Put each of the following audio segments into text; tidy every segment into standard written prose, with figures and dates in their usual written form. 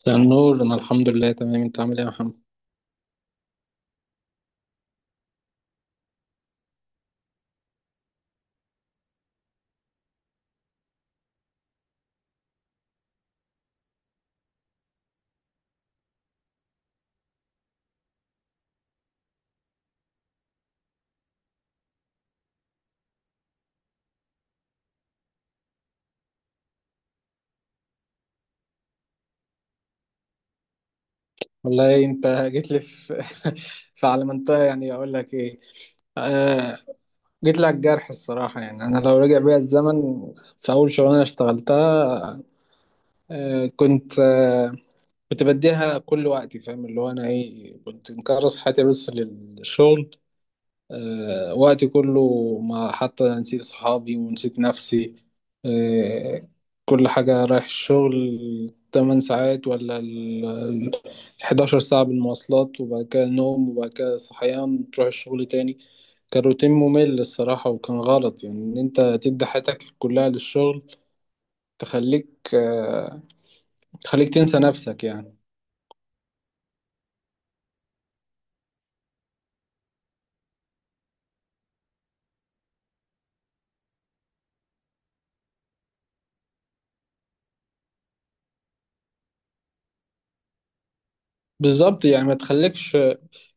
مساء النور، انا الحمد لله تمام. انت عامل ايه يا محمد؟ والله انت جيت لي في على منطقه، يعني اقول لك ايه. آه جيت لي على الجرح الصراحه، يعني انا لو رجع بيا الزمن في اول شغلانه اشتغلتها. آه كنت آه كنت بديها كل وقتي، فاهم اللي هو انا ايه؟ كنت مكرس حياتي بس للشغل، وقتي كله. ما حتى نسيت صحابي ونسيت نفسي، آه، كل حاجة رايح الشغل 8 ساعات ولا 11 ساعة بالمواصلات، وبعد كده نوم، وبعد كده صحيان تروح الشغل تاني. كان روتين ممل الصراحة، وكان غلط يعني إن أنت تدي حياتك كلها للشغل، تخليك آه، تخليك تنسى نفسك يعني. بالظبط يعني ما تخليكش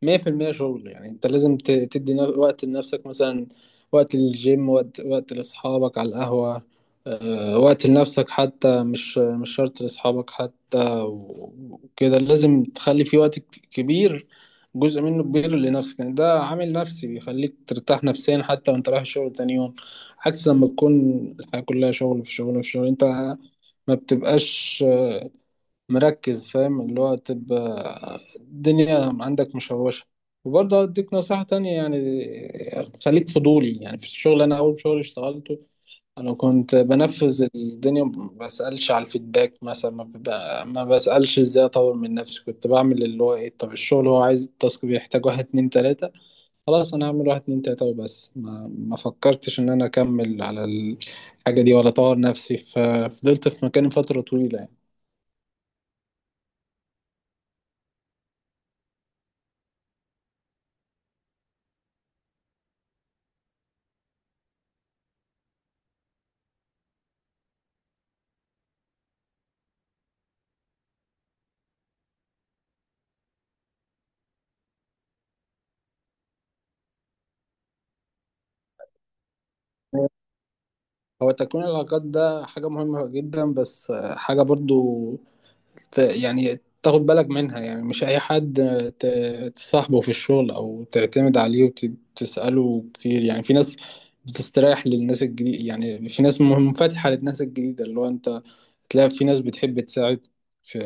100% شغل، يعني انت لازم تدي وقت لنفسك مثلا، وقت للجيم، وقت لاصحابك على القهوة. وقت لنفسك، حتى مش شرط لاصحابك حتى وكده. لازم تخلي في وقت كبير، جزء منه كبير لنفسك، يعني ده عامل نفسي بيخليك ترتاح نفسيا حتى وانت رايح الشغل تاني يوم، عكس لما تكون الحياة كلها شغل في شغل في شغل، انت ما بتبقاش مركز، فاهم اللي هو؟ تبقى الدنيا عندك مشوشة. وبرضه أديك نصيحة تانية يعني، خليك فضولي يعني في الشغل. أنا أول شغل اشتغلته أنا كنت بنفذ الدنيا، ما بسألش على الفيدباك مثلا، ما, ببقى ما بسألش إزاي أطور من نفسي. كنت بعمل اللي هو إيه، طب الشغل هو عايز التاسك، بيحتاج واحد اتنين تلاتة، خلاص أنا هعمل واحد اتنين تلاتة وبس. ما فكرتش إن أنا أكمل على الحاجة دي ولا أطور نفسي، ففضلت في مكاني فترة طويلة يعني. هو تكوين العلاقات ده حاجة مهمة جدا، بس حاجة برضو يعني تاخد بالك منها، يعني مش أي حد تصاحبه في الشغل أو تعتمد عليه وتسأله كتير. يعني في ناس بتستريح للناس الجديدة، يعني في ناس منفتحة للناس الجديدة، اللي هو أنت تلاقي في ناس بتحب تساعد في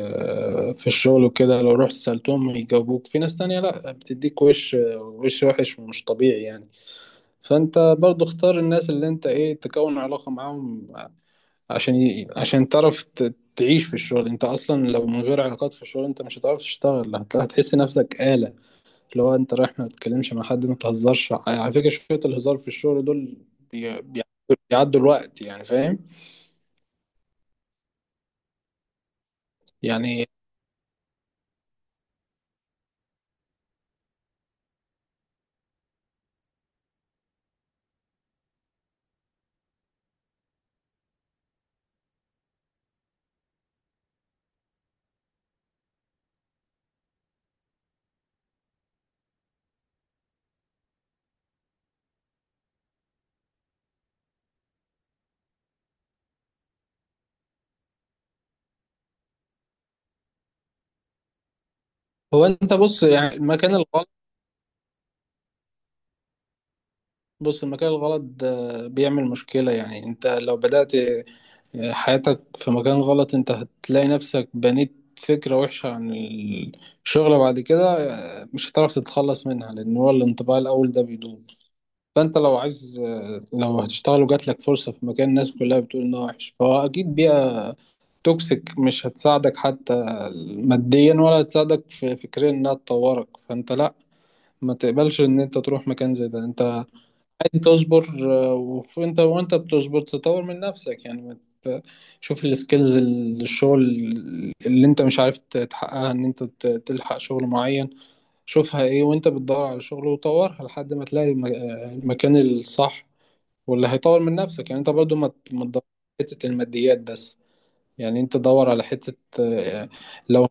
في الشغل وكده، لو رحت سألتهم يجاوبوك. في ناس تانية لأ، بتديك وش وحش ومش طبيعي يعني. فانت برضو اختار الناس اللي انت ايه تكون علاقة معاهم، عشان تعرف تعيش في الشغل. انت اصلا لو من غير علاقات في الشغل انت مش هتعرف تشتغل، هتحس نفسك آلة، اللي هو انت رايح ما تتكلمش مع حد، ما تهزرش. على فكرة شوية الهزار في الشغل دول بي... بيعدوا بيعدوا الوقت يعني، فاهم؟ يعني هو انت بص، يعني المكان الغلط ده بيعمل مشكلة، يعني انت لو بدأت حياتك في مكان غلط انت هتلاقي نفسك بنيت فكرة وحشة عن الشغل بعد كده، مش هتعرف تتخلص منها، لأن هو الانطباع الأول ده بيدوم. فأنت لو عايز، لو هتشتغل وجات لك فرصة في مكان الناس كلها بتقول إنه وحش، فهو أكيد بيئة توكسيك، مش هتساعدك حتى ماديا ولا هتساعدك في فكريا إنها تطورك. فأنت لأ، ما تقبلش إن أنت تروح مكان زي ده. أنت عادي تصبر، وانت بتصبر تطور من نفسك، يعني ما ت- شوف السكيلز، الشغل اللي انت مش عارف تحققها، ان انت تلحق شغل معين، شوفها ايه وانت بتدور على شغل، وطورها لحد ما تلاقي المكان الصح واللي هيطور من نفسك. يعني انت برضو ما تدور على حتة الماديات بس، يعني انت دور على حتة، آه، لو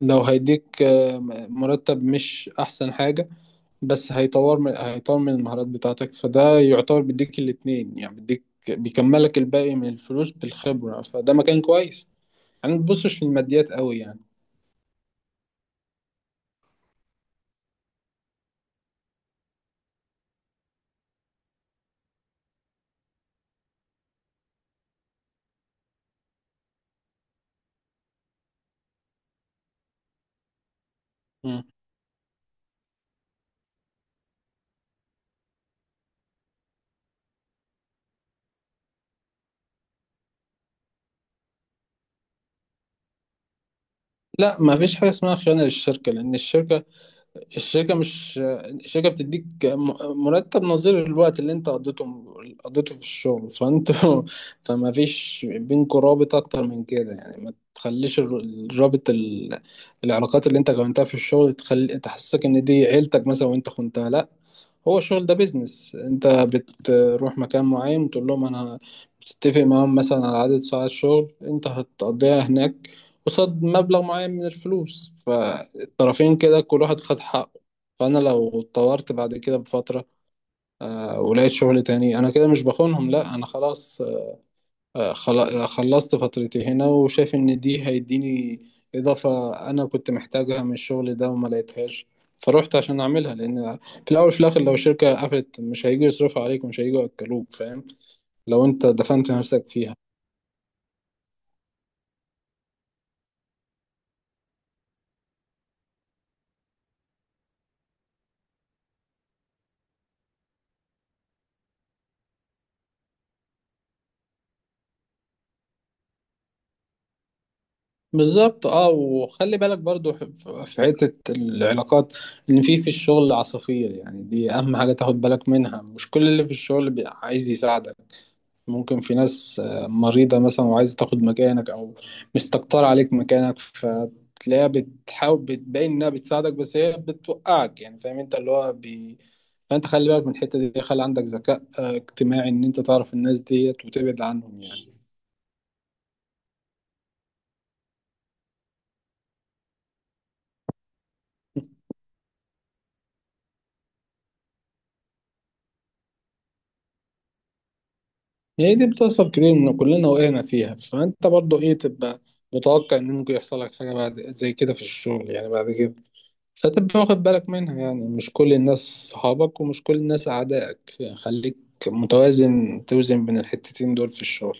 لو هيديك مرتب مش احسن حاجة، بس هيطور من المهارات بتاعتك، فده يعتبر بيديك الاتنين يعني، بيديك، بيكملك الباقي من الفلوس بالخبرة، فده مكان كويس، يعني ما تبصش للماديات قوي يعني. مم. لا، ما فيش حاجة اسمها خيانة للشركة، لأن الشركة مش، الشركة بتديك مرتب نظير الوقت اللي انت قضيته في الشغل، فانت فما فيش بينكوا رابط اكتر من كده يعني. ما تخليش الرابط ال... العلاقات اللي انت كونتها في الشغل تخلي تحسسك ان دي عيلتك مثلا وانت خنتها. لا، هو الشغل ده بيزنس، انت بتروح مكان معين وتقول لهم بتتفق معاهم مثلا على عدد ساعات شغل انت هتقضيها هناك، قصاد مبلغ معين من الفلوس، فالطرفين كده كل واحد خد حقه. فانا لو اتطورت بعد كده بفترة ولقيت شغل تاني، انا كده مش بخونهم. لا انا خلاص، خلصت فترتي هنا، وشايف ان دي هيديني اضافة انا كنت محتاجها من الشغل ده وما لقيتهاش، فروحت عشان اعملها. لان في الاول في الاخر لو شركة قفلت مش هيجوا يصرفوا عليك، ومش هيجوا ياكلوك، فاهم؟ لو انت دفنت نفسك فيها. بالظبط اه، وخلي بالك برضو في حتة العلاقات، ان في الشغل عصافير يعني، دي اهم حاجة تاخد بالك منها. مش كل اللي في الشغل عايز يساعدك، ممكن في ناس مريضة مثلا وعايزة تاخد مكانك، أو مستكترة عليك مكانك، فتلاقيها بتحاول بتبين إنها بتساعدك بس هي بتوقعك يعني، فاهم؟ أنت اللي هو فأنت خلي بالك من الحتة دي، خلي عندك ذكاء اجتماعي، إن أنت تعرف الناس ديت وتبعد عنهم يعني. هي دي بتحصل كتير، إن كلنا وقعنا فيها. فأنت برضو إيه، تبقى متوقع إن ممكن يحصل لك حاجة بعد زي كده في الشغل يعني بعد كده، فتبقى واخد بالك منها. يعني مش كل الناس صحابك، ومش كل الناس أعدائك يعني، خليك متوازن، توزن بين الحتتين دول في الشغل.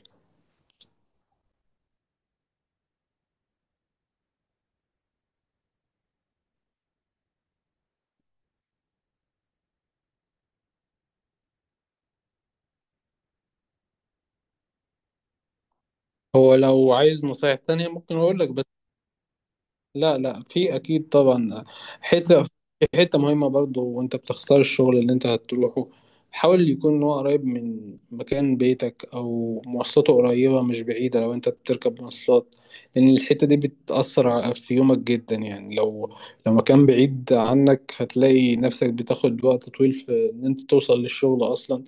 هو لو عايز نصايح تانية ممكن أقول لك. لا لا، في اكيد طبعا. حته حته مهمه برضو وانت بتختار الشغل اللي انت هتروحه، حاول يكون هو قريب من مكان بيتك، او مواصلاته قريبه مش بعيده لو انت بتركب مواصلات، لان الحته دي بتاثر في يومك جدا. يعني لو مكان بعيد عنك هتلاقي نفسك بتاخد وقت طويل في ان انت توصل للشغل اصلا،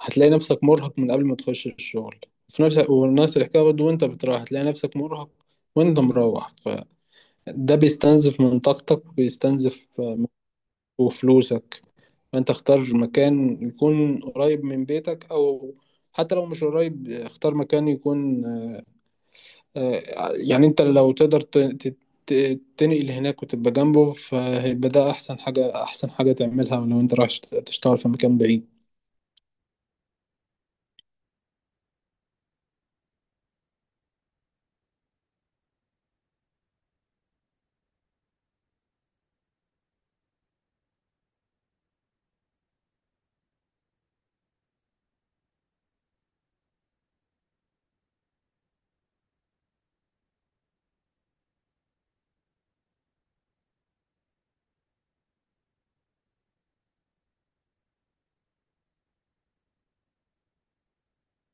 هتلاقي نفسك مرهق من قبل ما تخش الشغل، في نفس ونفس الحكايه برضه وانت بتروح هتلاقي نفسك مرهق وانت مروح. ده بيستنزف من طاقتك وبيستنزف وفلوسك. فانت اختار مكان يكون قريب من بيتك، او حتى لو مش قريب اختار مكان يكون، آه، يعني انت لو تقدر تنقل هناك وتبقى جنبه، فهيبقى ده احسن حاجة احسن حاجة تعملها ولو انت رايح تشتغل في مكان بعيد.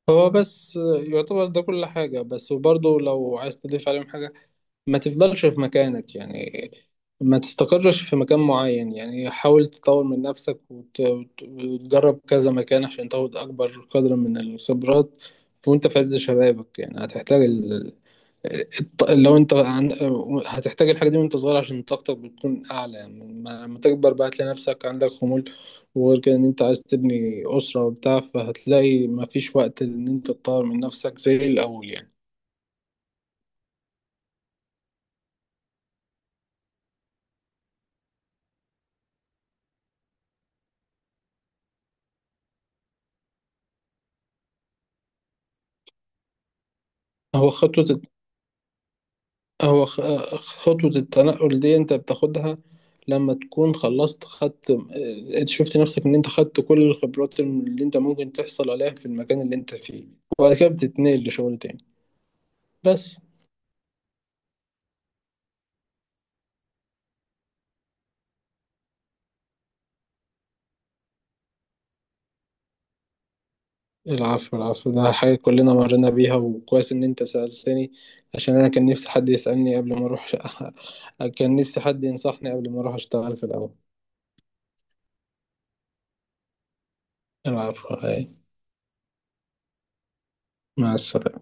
هو بس يعتبر ده كل حاجة، بس وبرضه لو عايز تضيف عليهم حاجة، ما تفضلش في مكانك يعني، ما تستقرش في مكان معين يعني، حاول تطور من نفسك وتجرب كذا مكان عشان تاخد أكبر قدر من الخبرات وأنت في عز شبابك. يعني هتحتاج ال... الط- لو أنت عن... هتحتاج الحاجة دي وأنت صغير عشان طاقتك بتكون أعلى، يعني لما تكبر بقى هتلاقي نفسك عندك خمول، وغير كده إن أنت عايز تبني أسرة وبتاع، فهتلاقي مفيش وقت إن أنت تطور من نفسك زي الأول يعني. هو خطوة هو خ- خطوة التنقل دي انت بتاخدها لما تكون خلصت، خدت شفت نفسك ان انت خدت كل الخبرات اللي انت ممكن تحصل عليها في المكان اللي انت فيه، وبعد كده بتتنقل لشغل تاني، بس. العفو، العفو، ده حاجة كلنا مرينا بيها، وكويس ان انت سألتني، عشان انا كان نفسي حد يسألني قبل ما اروح. كان نفسي حد ينصحني قبل ما اروح اشتغل في الاول. العفو، هاي، مع السلامة.